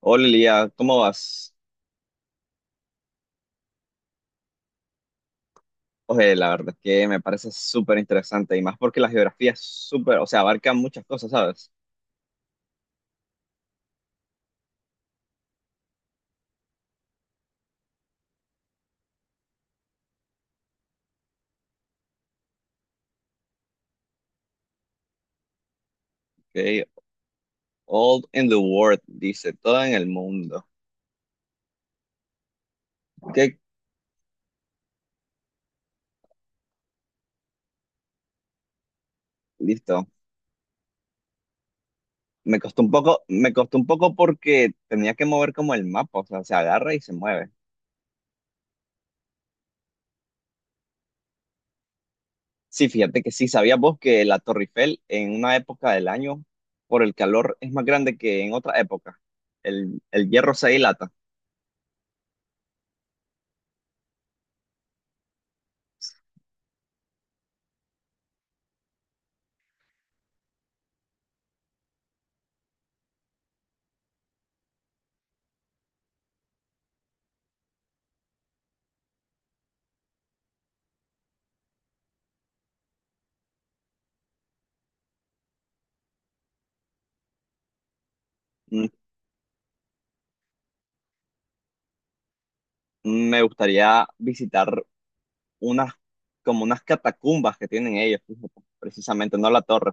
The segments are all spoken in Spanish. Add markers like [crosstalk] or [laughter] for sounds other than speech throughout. Hola Lía, ¿cómo vas? Oye, la verdad es que me parece súper interesante y más porque la geografía es súper, o sea, abarca muchas cosas, ¿sabes? Okay. All in the world, dice, todo en el mundo. Ok, listo. Me costó un poco, me costó un poco porque tenía que mover como el mapa, o sea, se agarra y se mueve. Sí, fíjate que sí, ¿sabías vos que la Torre Eiffel en una época del año, por el calor, es más grande que en otra época? El hierro se dilata. Mm, Me gustaría visitar unas, como unas catacumbas que tienen ellos, fíjate, precisamente, no la torre.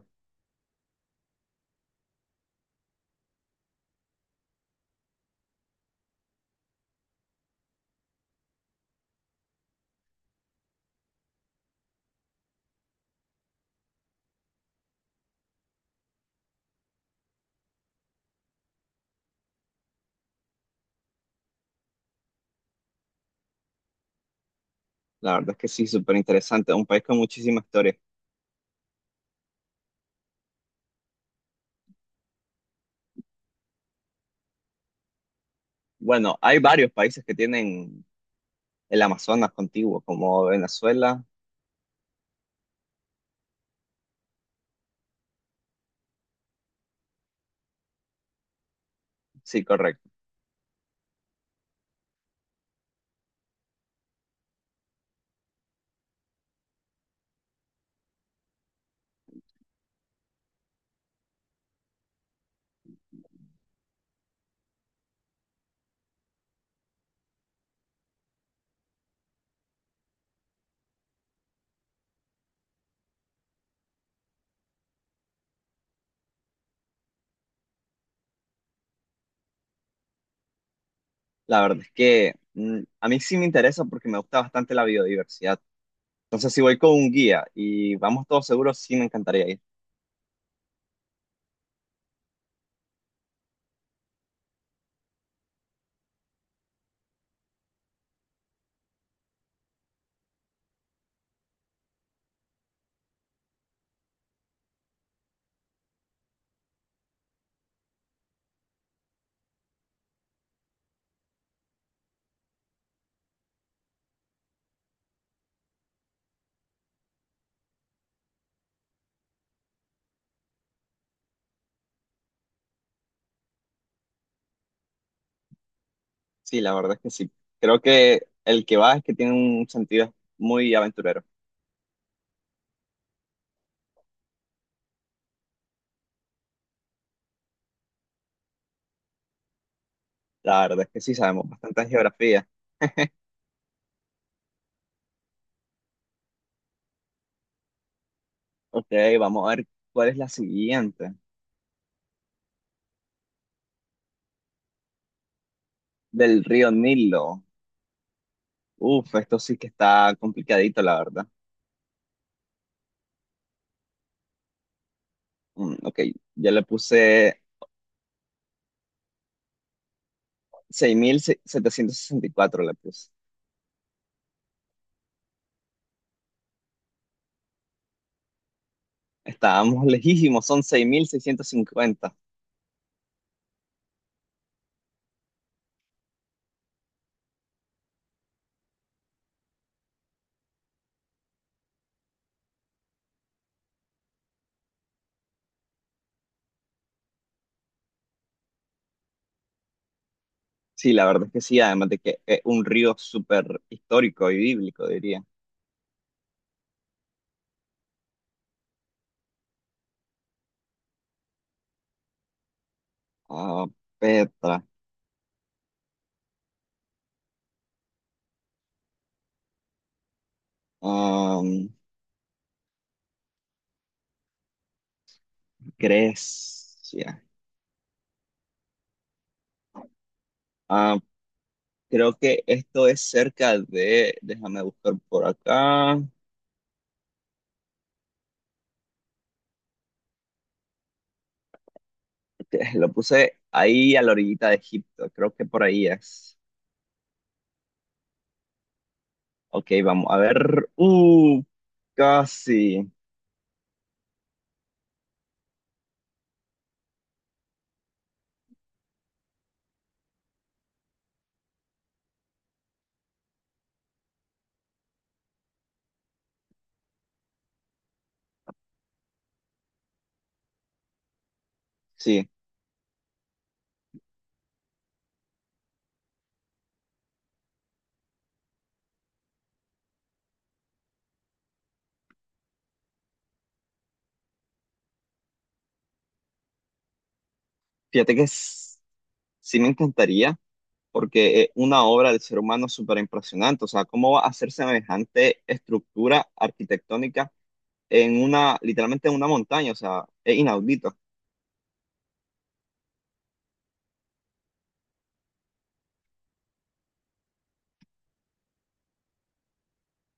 La verdad es que sí, súper interesante, un país con muchísima historia. Bueno, hay varios países que tienen el Amazonas contiguo, como Venezuela, sí, correcto. La verdad es que a mí sí me interesa porque me gusta bastante la biodiversidad. Entonces, si voy con un guía y vamos todos seguros, sí me encantaría ir. Sí, la verdad es que sí. Creo que el que va es que tiene un sentido muy aventurero. La verdad es que sí, sabemos bastante de geografía. [laughs] Ok, vamos a ver cuál es la siguiente. Del río Nilo. Uf, esto sí que está complicadito, la verdad. Ok, ya le puse 6764. Le puse. Estábamos [laughs] lejísimos, son 6650. Sí, la verdad es que sí, además de que es un río súper histórico y bíblico, diría. Ah, Petra, am, Grecia. Ah, creo que esto es cerca de, déjame buscar por acá. [laughs] Lo puse ahí a la orillita de Egipto, creo que por ahí es. Ok, vamos a ver. Casi. Sí, fíjate que sí me encantaría, porque es una obra del ser humano súper impresionante. O sea, ¿cómo va a hacer semejante estructura arquitectónica en una, literalmente en una montaña? O sea, es inaudito.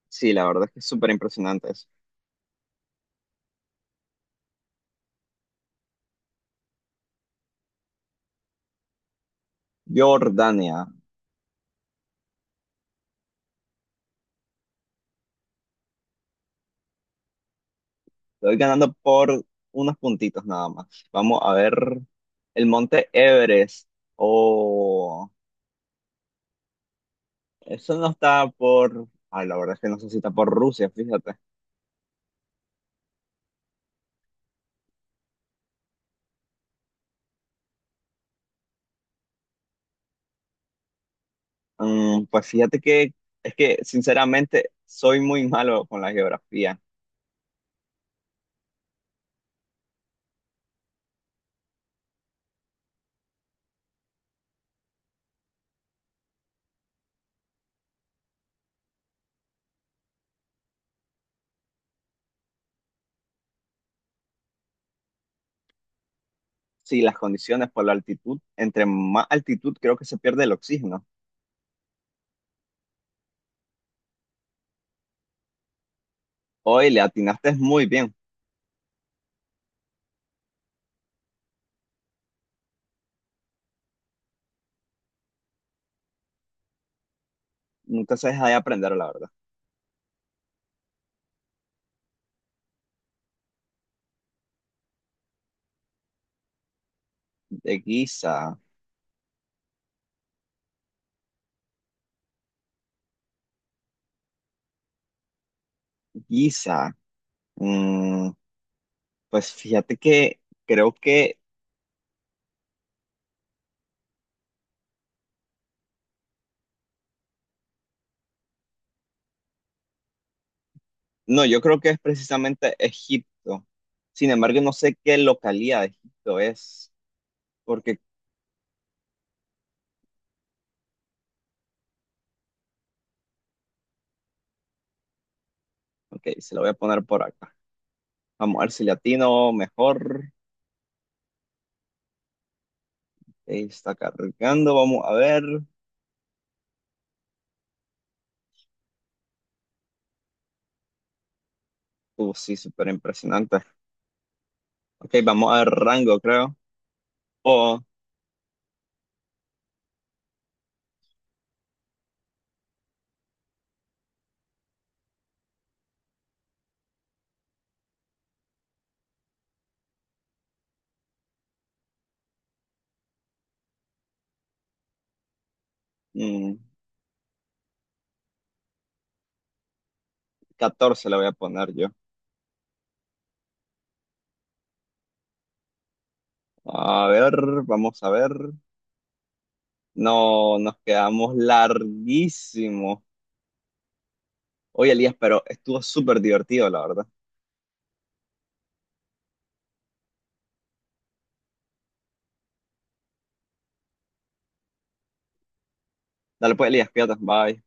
Sí, la verdad es que es súper impresionante eso. Jordania. Estoy ganando por unos puntitos nada más. Vamos a ver el monte Everest. Oh, eso no está por... Ah, la verdad es que no sé si está por Rusia, fíjate. Mm, pues fíjate que es que sinceramente soy muy malo con la geografía. Sí, las condiciones por la altitud. Entre más altitud creo que se pierde el oxígeno. Hoy le atinaste muy bien. Nunca se deja de aprender, la verdad. De Giza, Giza. Mm, pues fíjate que creo que... No, yo creo que es precisamente Egipto. Sin embargo, no sé qué localidad de Egipto es, porque, ok, se lo voy a poner por acá. Vamos a ver si latino mejor. Ahí está cargando, vamos a ver. Sí, súper impresionante. Ok, vamos a ver rango, creo. O mm, 14 le voy a poner yo. A ver, vamos a ver. No, nos quedamos larguísimo. Oye, Elías, pero estuvo súper divertido, la verdad. Dale pues, Elías, cuídate, bye.